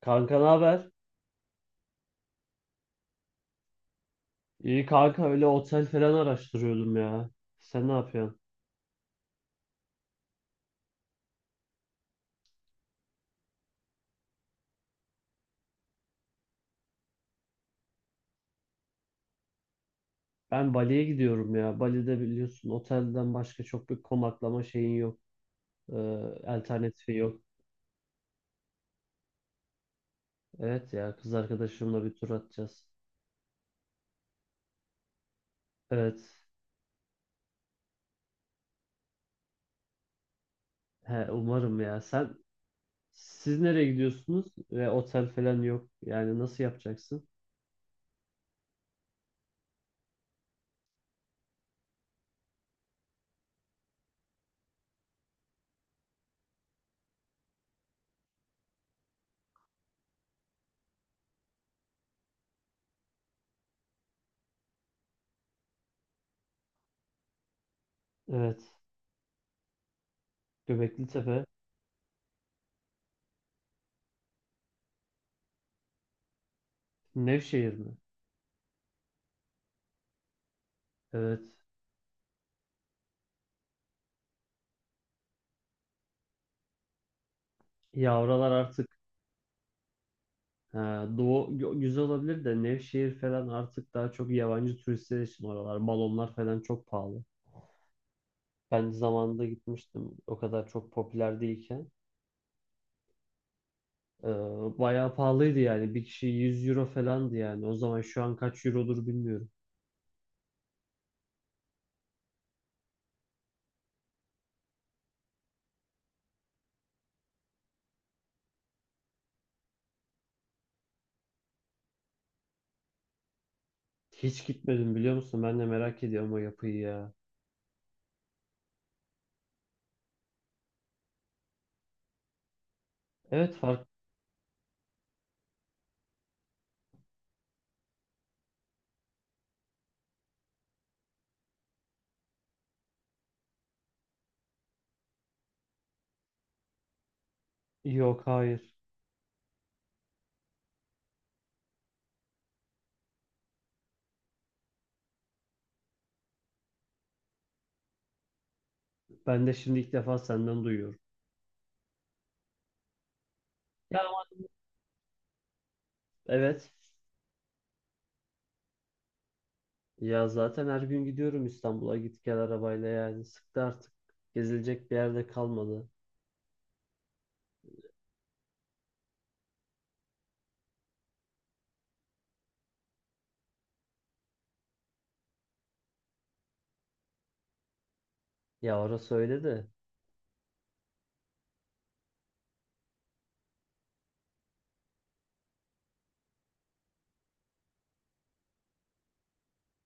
Kanka ne haber? İyi kanka öyle otel falan araştırıyordum ya. Sen ne yapıyorsun? Ben Bali'ye gidiyorum ya. Bali'de biliyorsun otelden başka çok bir konaklama şeyin yok. Ee, Alternatifi yok. Evet ya kız arkadaşımla bir tur atacağız. Evet. He, umarım ya. Siz nereye gidiyorsunuz? Ve otel falan yok. Yani nasıl yapacaksın? Evet. Göbekli Tepe. Nevşehir mi? Evet. Ya oralar artık. Ha, güzel olabilir de Nevşehir falan artık daha çok yabancı turistler için oralar. Balonlar falan çok pahalı. Ben zamanında gitmiştim, o kadar çok popüler değilken. Ee, Bayağı pahalıydı yani. Bir kişi 100 € falandı yani. O zaman şu an kaç eurodur bilmiyorum. Hiç gitmedim biliyor musun? Ben de merak ediyorum o yapıyı ya. Evet fark. Yok hayır. Ben de şimdi ilk defa senden duyuyorum. Ya ama evet. Ya zaten her gün gidiyorum İstanbul'a, git gel arabayla, yani sıktı artık. Gezilecek bir yerde kalmadı. Ya orası öyle de.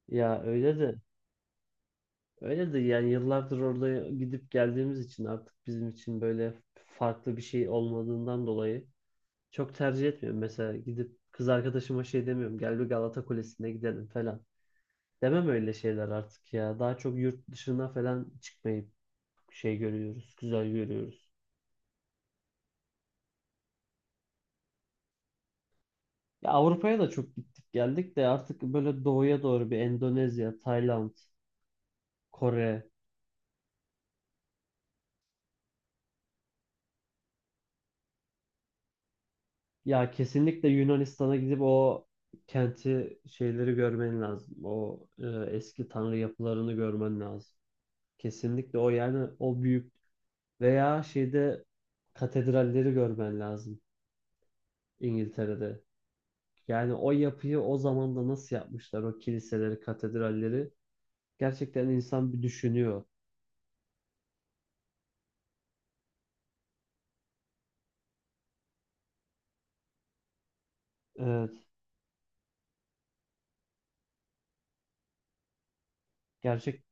Ya öyle de. Öyle de yani yıllardır orada gidip geldiğimiz için artık bizim için böyle farklı bir şey olmadığından dolayı çok tercih etmiyorum. Mesela gidip kız arkadaşıma şey demiyorum, gel bir Galata Kulesi'ne gidelim falan. Demem öyle şeyler artık ya. Daha çok yurt dışına falan çıkmayı şey görüyoruz, güzel görüyoruz. Ya Avrupa'ya da çok gittik geldik de artık böyle doğuya doğru bir Endonezya, Tayland, Kore. Ya kesinlikle Yunanistan'a gidip o kenti şeyleri görmen lazım. O eski tanrı yapılarını görmen lazım. Kesinlikle o yani o büyük veya şeyde katedralleri görmen lazım İngiltere'de. Yani o yapıyı o zamanda nasıl yapmışlar o kiliseleri, katedralleri. Gerçekten insan bir düşünüyor. Evet.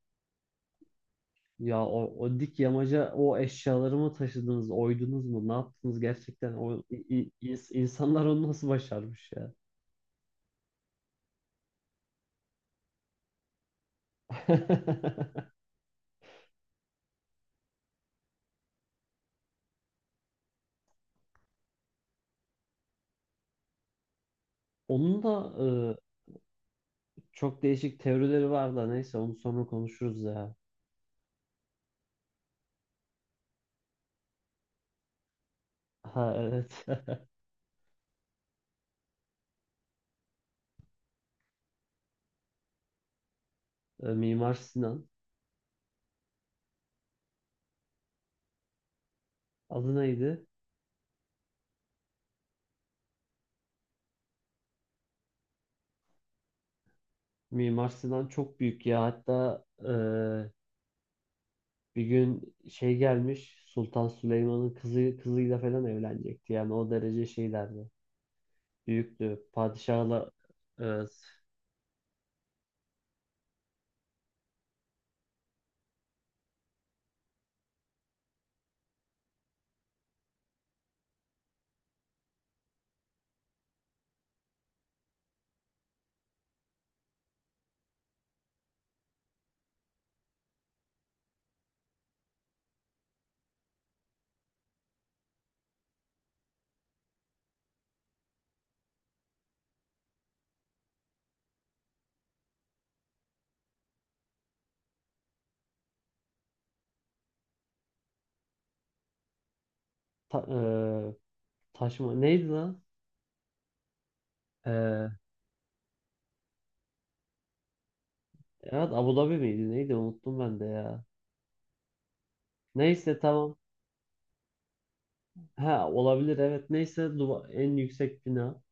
Ya o, o dik yamaca o eşyaları mı taşıdınız, oydunuz mu, ne yaptınız gerçekten? O i- i- ins- insanlar onu nasıl başarmış ya? Onun da çok değişik teorileri var da neyse onu sonra konuşuruz ya. Ha evet. Mimar Sinan. Adı neydi? Mimar Sinan çok büyük ya. Hatta bir gün şey gelmiş, Sultan Süleyman'ın kızı kızıyla falan evlenecekti. Yani o derece şeylerdi. Büyüktü. Padişahla. Evet. Ta, eee, Taşıma neydi lan? Ee, Evet, Abu Dhabi miydi neydi, unuttum ben de ya. Neyse tamam. Ha olabilir, evet, neyse en yüksek bina.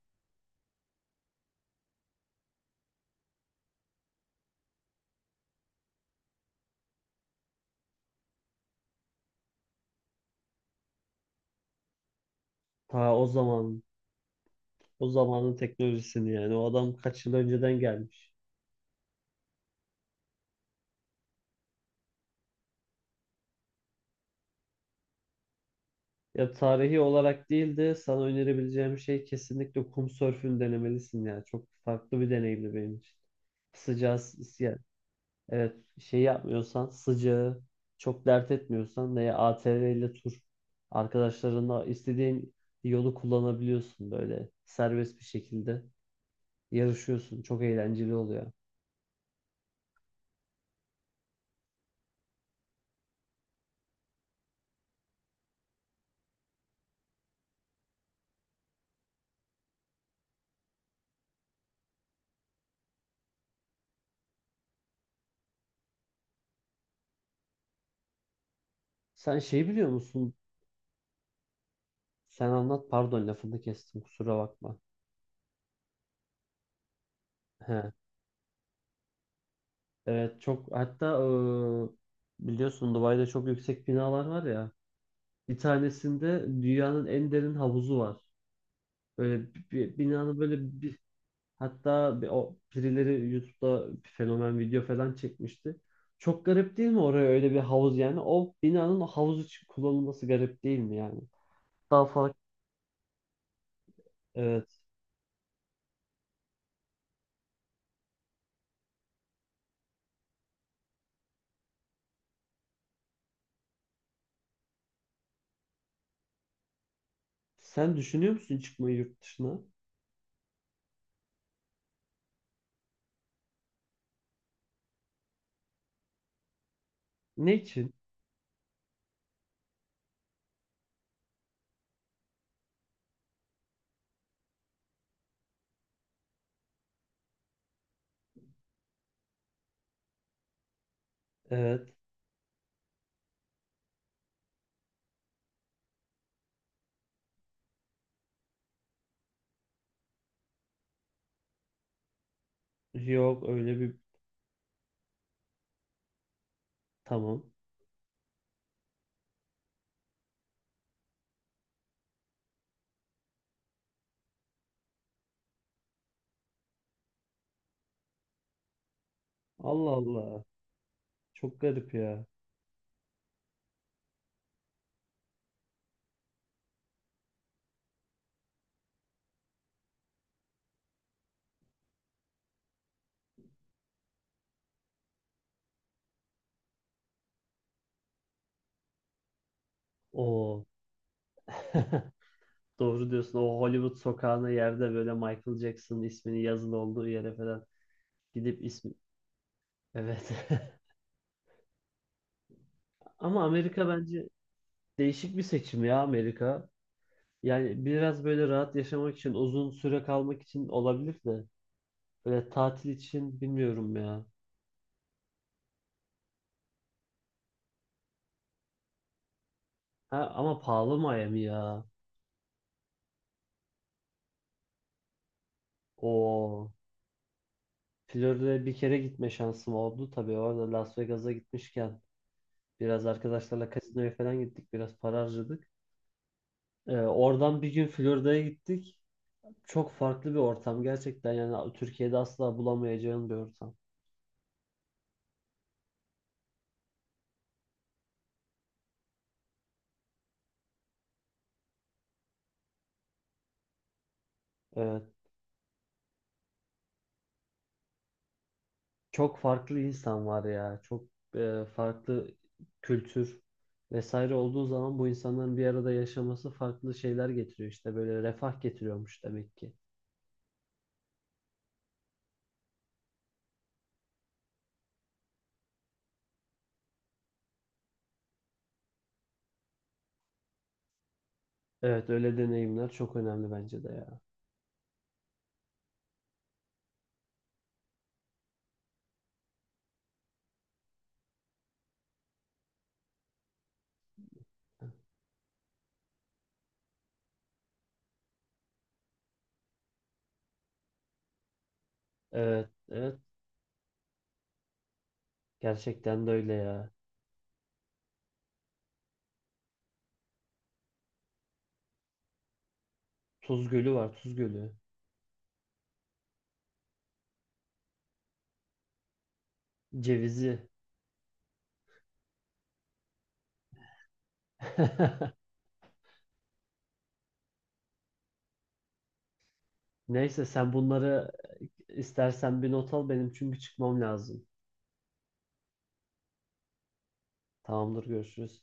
Ta o zaman o zamanın teknolojisini, yani o adam kaç yıl önceden gelmiş. Ya tarihi olarak değil de sana önerebileceğim şey kesinlikle kum sörfünü denemelisin ya. Çok farklı bir deneyimdi benim için. Sıcağı. Evet, şey yapmıyorsan, sıcağı çok dert etmiyorsan veya ATV ile tur, arkadaşlarınla istediğin yolu kullanabiliyorsun, böyle serbest bir şekilde yarışıyorsun. Çok eğlenceli oluyor. Sen şey biliyor musun? Sen anlat, pardon lafını kestim, kusura bakma. He, evet çok, hatta biliyorsun Dubai'de çok yüksek binalar var ya. Bir tanesinde dünyanın en derin havuzu var. Böyle bir binanın böyle. Hatta o birileri YouTube'da fenomen video falan çekmişti. Çok garip değil mi oraya öyle bir havuz yani? O binanın o havuz için kullanılması garip değil mi yani? Daha farklı. Evet. Sen düşünüyor musun çıkmayı yurt dışına? Ne için? Evet. Yok öyle bir, tamam. Allah Allah. Çok garip ya. O doğru diyorsun. O Hollywood sokağına, yerde böyle Michael Jackson ismini yazılı olduğu yere falan gidip ismi. Evet. Ama Amerika bence, değişik bir seçim ya Amerika. Yani biraz böyle rahat yaşamak için, uzun süre kalmak için olabilir de. Böyle tatil için bilmiyorum ya. Ha, ama pahalı Miami ya. O Florida'ya bir kere gitme şansım oldu. Tabii orada Las Vegas'a gitmişken biraz arkadaşlarla kasinoya falan gittik. Biraz para harcadık. Oradan bir gün Florida'ya gittik. Çok farklı bir ortam gerçekten. Yani Türkiye'de asla bulamayacağın bir ortam. Evet. Çok farklı insan var ya. Çok farklı kültür vesaire olduğu zaman bu insanların bir arada yaşaması farklı şeyler getiriyor, işte böyle refah getiriyormuş demek ki. Evet öyle deneyimler çok önemli bence de ya. Evet evet, gerçekten de öyle ya. Tuz Gölü var, Tuz Gölü. Cevizi. Neyse sen bunları istersen bir not al benim, çünkü çıkmam lazım. Tamamdır, görüşürüz.